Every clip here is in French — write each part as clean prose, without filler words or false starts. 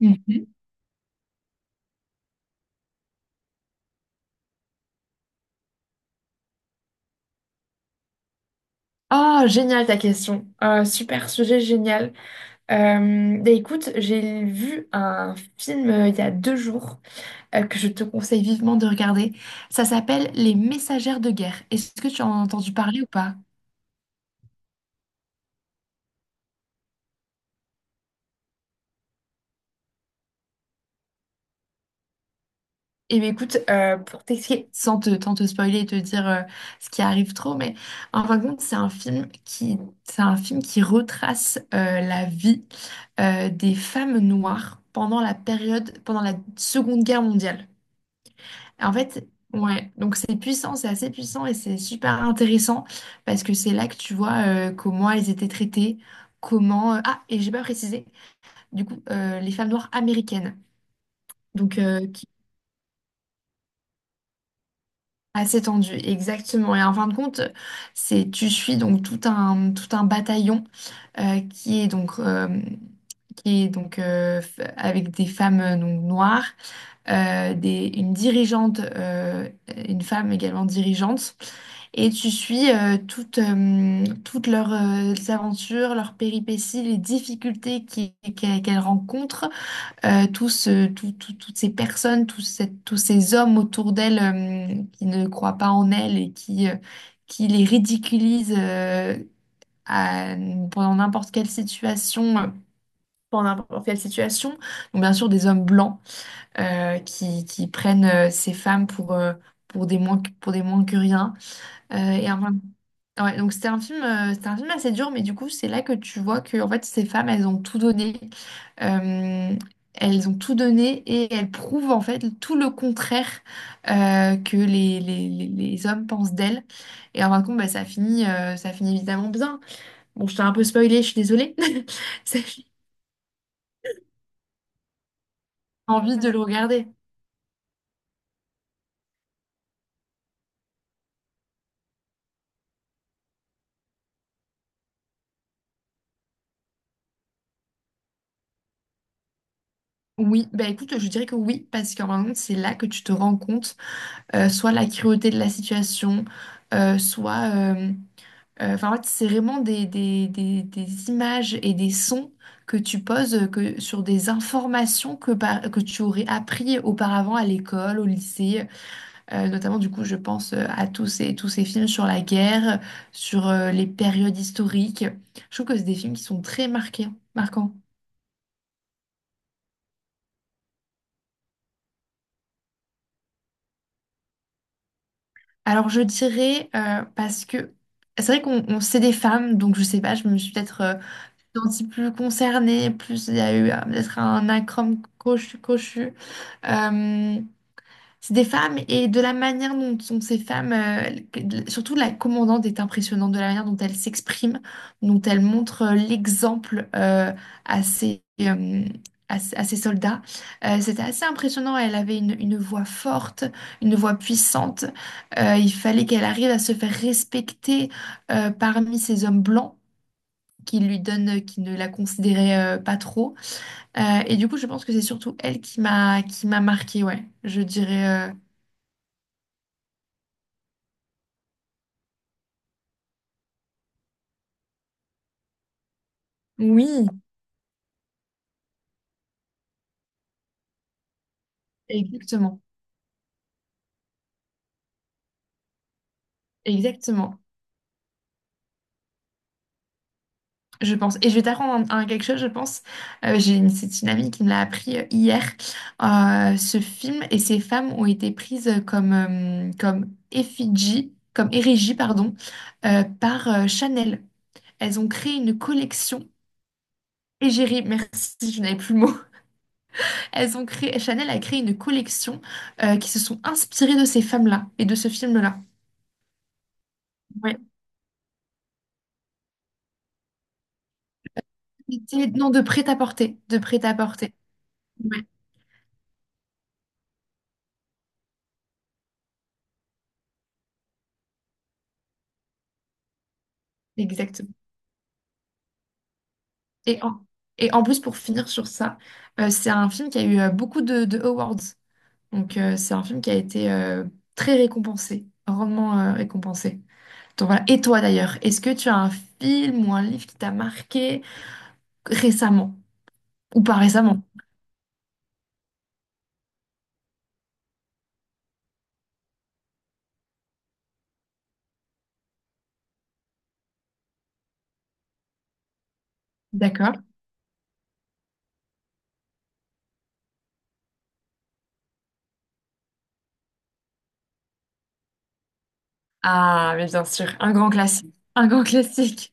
Mhm. Ah, génial ta question. Super sujet, génial. Écoute, j'ai vu un film il y a deux jours que je te conseille vivement de regarder. Ça s'appelle Les Messagères de guerre. Est-ce que tu en as entendu parler ou pas? Eh bien écoute, pour t'expliquer, sans te spoiler et te dire ce qui arrive trop, mais en fin de compte, c'est un film qui retrace la vie des femmes noires pendant pendant la Seconde Guerre mondiale. En fait, ouais, donc c'est puissant, c'est assez puissant et c'est super intéressant parce que c'est là que tu vois comment elles étaient traitées, Ah, et j'ai pas précisé, du coup, les femmes noires américaines, donc euh, qui... assez tendu, exactement. Et en fin de compte, c'est tu suis donc tout un bataillon euh, qui est donc... euh, qui est donc avec des femmes donc, noires, une dirigeante, une femme également dirigeante, et tu suis toutes, toutes leurs aventures, leurs péripéties, les difficultés qu'elles rencontrent, tous, ce- tout- tout- toutes ces personnes, tous ces hommes autour d'elles qui ne croient pas en elles et qui les ridiculisent à- pendant n'importe quelle situation, pendant n'importe quelle situation, donc bien sûr des hommes blancs qui prennent ces femmes pour, pour des moins que rien. Euh, et enfin, Ouais, donc c'était un film assez dur, mais du coup, c'est là que tu vois que en fait, ces femmes, elles ont tout donné. Euh, Elles ont tout donné et elles prouvent en fait tout le contraire que les hommes pensent d'elles. Et en fin de compte, bah, ça finit évidemment bien. Bon, je t'ai un peu spoilé, je suis désolée. Ça fait envie de le regarder. Oui, bah écoute, je dirais que oui, parce qu'en fin de compte, c'est là que tu te rends compte, soit la cruauté de la situation, soit. Enfin, en fait, c'est vraiment des images et des sons que tu poses sur des informations que tu aurais appris auparavant à l'école, au lycée. Notamment, du coup, je pense à tous ces films sur la guerre, sur les périodes historiques. Je trouve que c'est des films qui sont marquants. Alors, je dirais, parce que c'est vrai c'est des femmes, donc je sais pas, je me suis peut-être sentis plus concernée, plus il y a eu peut-être un acrome cochu. Euh, c'est des femmes et de la manière dont sont ces femmes, surtout la commandante est impressionnante, de la manière dont elle s'exprime, dont elle montre l'exemple à ses, euh, à ses soldats. C'était assez impressionnant, elle avait une voix forte, une voix puissante. Il fallait qu'elle arrive à se faire respecter parmi ces hommes blancs qui lui donne, qui ne la considérait pas trop. Et du coup, je pense que c'est surtout elle qui m'a marquée, ouais. Je dirais Oui. Exactement, exactement. Je pense. Et je vais t'apprendre un quelque chose, je pense. C'est une amie qui me l'a appris hier. Ce film et ces femmes ont été prises comme effigie, comme érigie, pardon, par Chanel. Elles ont créé une collection. Égérie, merci, je n'avais plus le mot. Chanel a créé une collection qui se sont inspirées de ces femmes-là et de ce film-là. Ouais. Non, de prêt-à-porter. Ouais, exactement. Et en, et en plus, pour finir sur ça, c'est un film qui a eu beaucoup de awards. Donc, c'est un film qui a été très récompensé, grandement récompensé. Donc, voilà. Et toi d'ailleurs, est-ce que tu as un film ou un livre qui t'a marqué récemment ou pas récemment? D'accord. Ah, mais bien sûr, un grand classique. Un grand classique.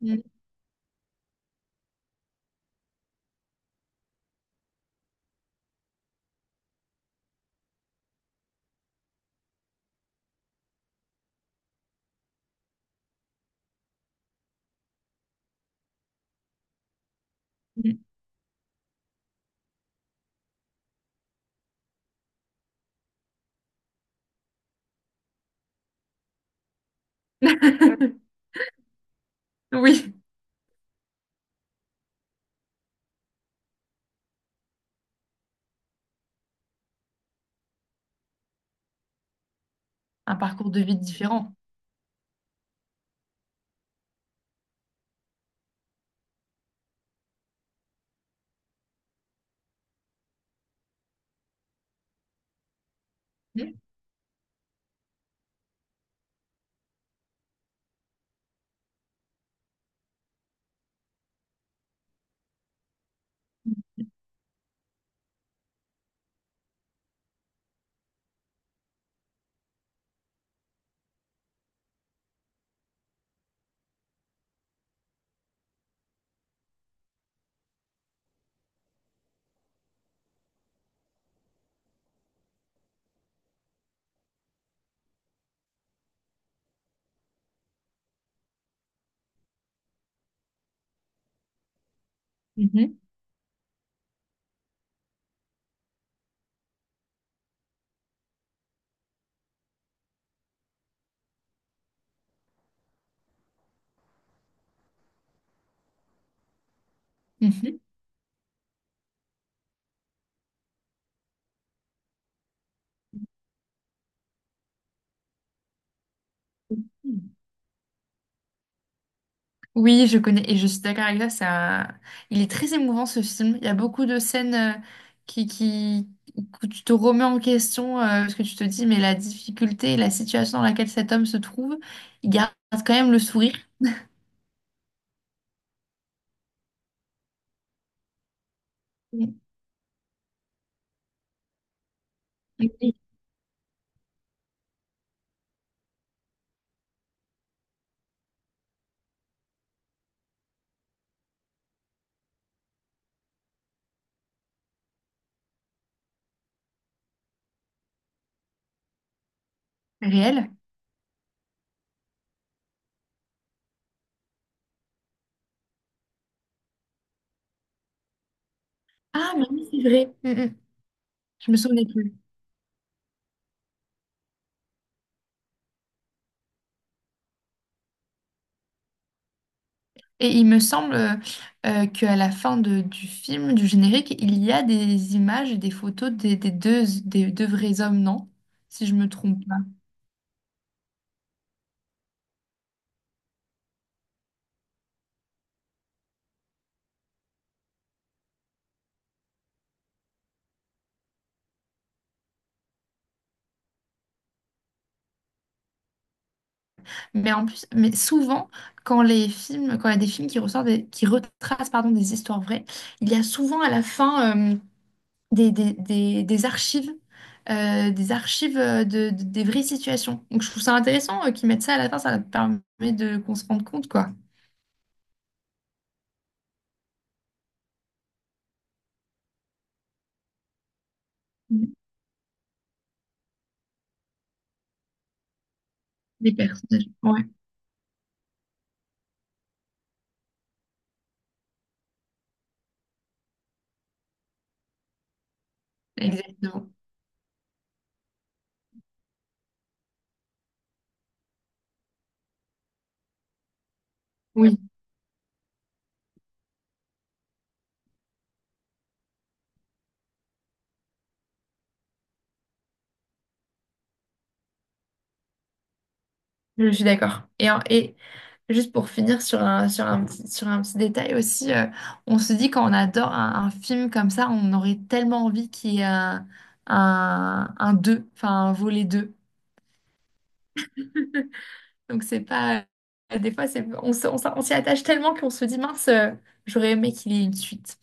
Mmh, mmh. Oui, un parcours de vie différent. Mmh, mmh, mmh, mmh, mmh. Oui, je connais et je suis d'accord avec toi. Ça, il est très émouvant ce film. Il y a beaucoup de scènes qui, qui, où tu te remets en question parce que tu te dis, mais la situation dans laquelle cet homme se trouve, il garde quand même le sourire. Mmh, mmh, réel. Ah, mais oui, c'est vrai. Mmh, mmh. Je me souvenais plus. Et il me semble qu'à la fin du film, du générique, il y a des images et des photos des deux vrais hommes, non? Si je me trompe pas. Mais en plus, mais souvent, quand il y a des films qui qui retracent, pardon, des histoires vraies, il y a souvent à la fin euh, des archives, des archives des vraies situations. Donc je trouve ça intéressant qu'ils mettent ça à la fin, ça permet de qu'on se rende compte, quoi, des personnages. Ouais, exactement. Oui. Je suis d'accord. Et juste pour finir sur un petit détail aussi, on se dit quand on adore un film comme ça, on aurait tellement envie qu'il y ait un 2, enfin un volet 2. Donc c'est pas... Des fois, on s'y attache tellement qu'on se dit, mince, j'aurais aimé qu'il y ait une suite.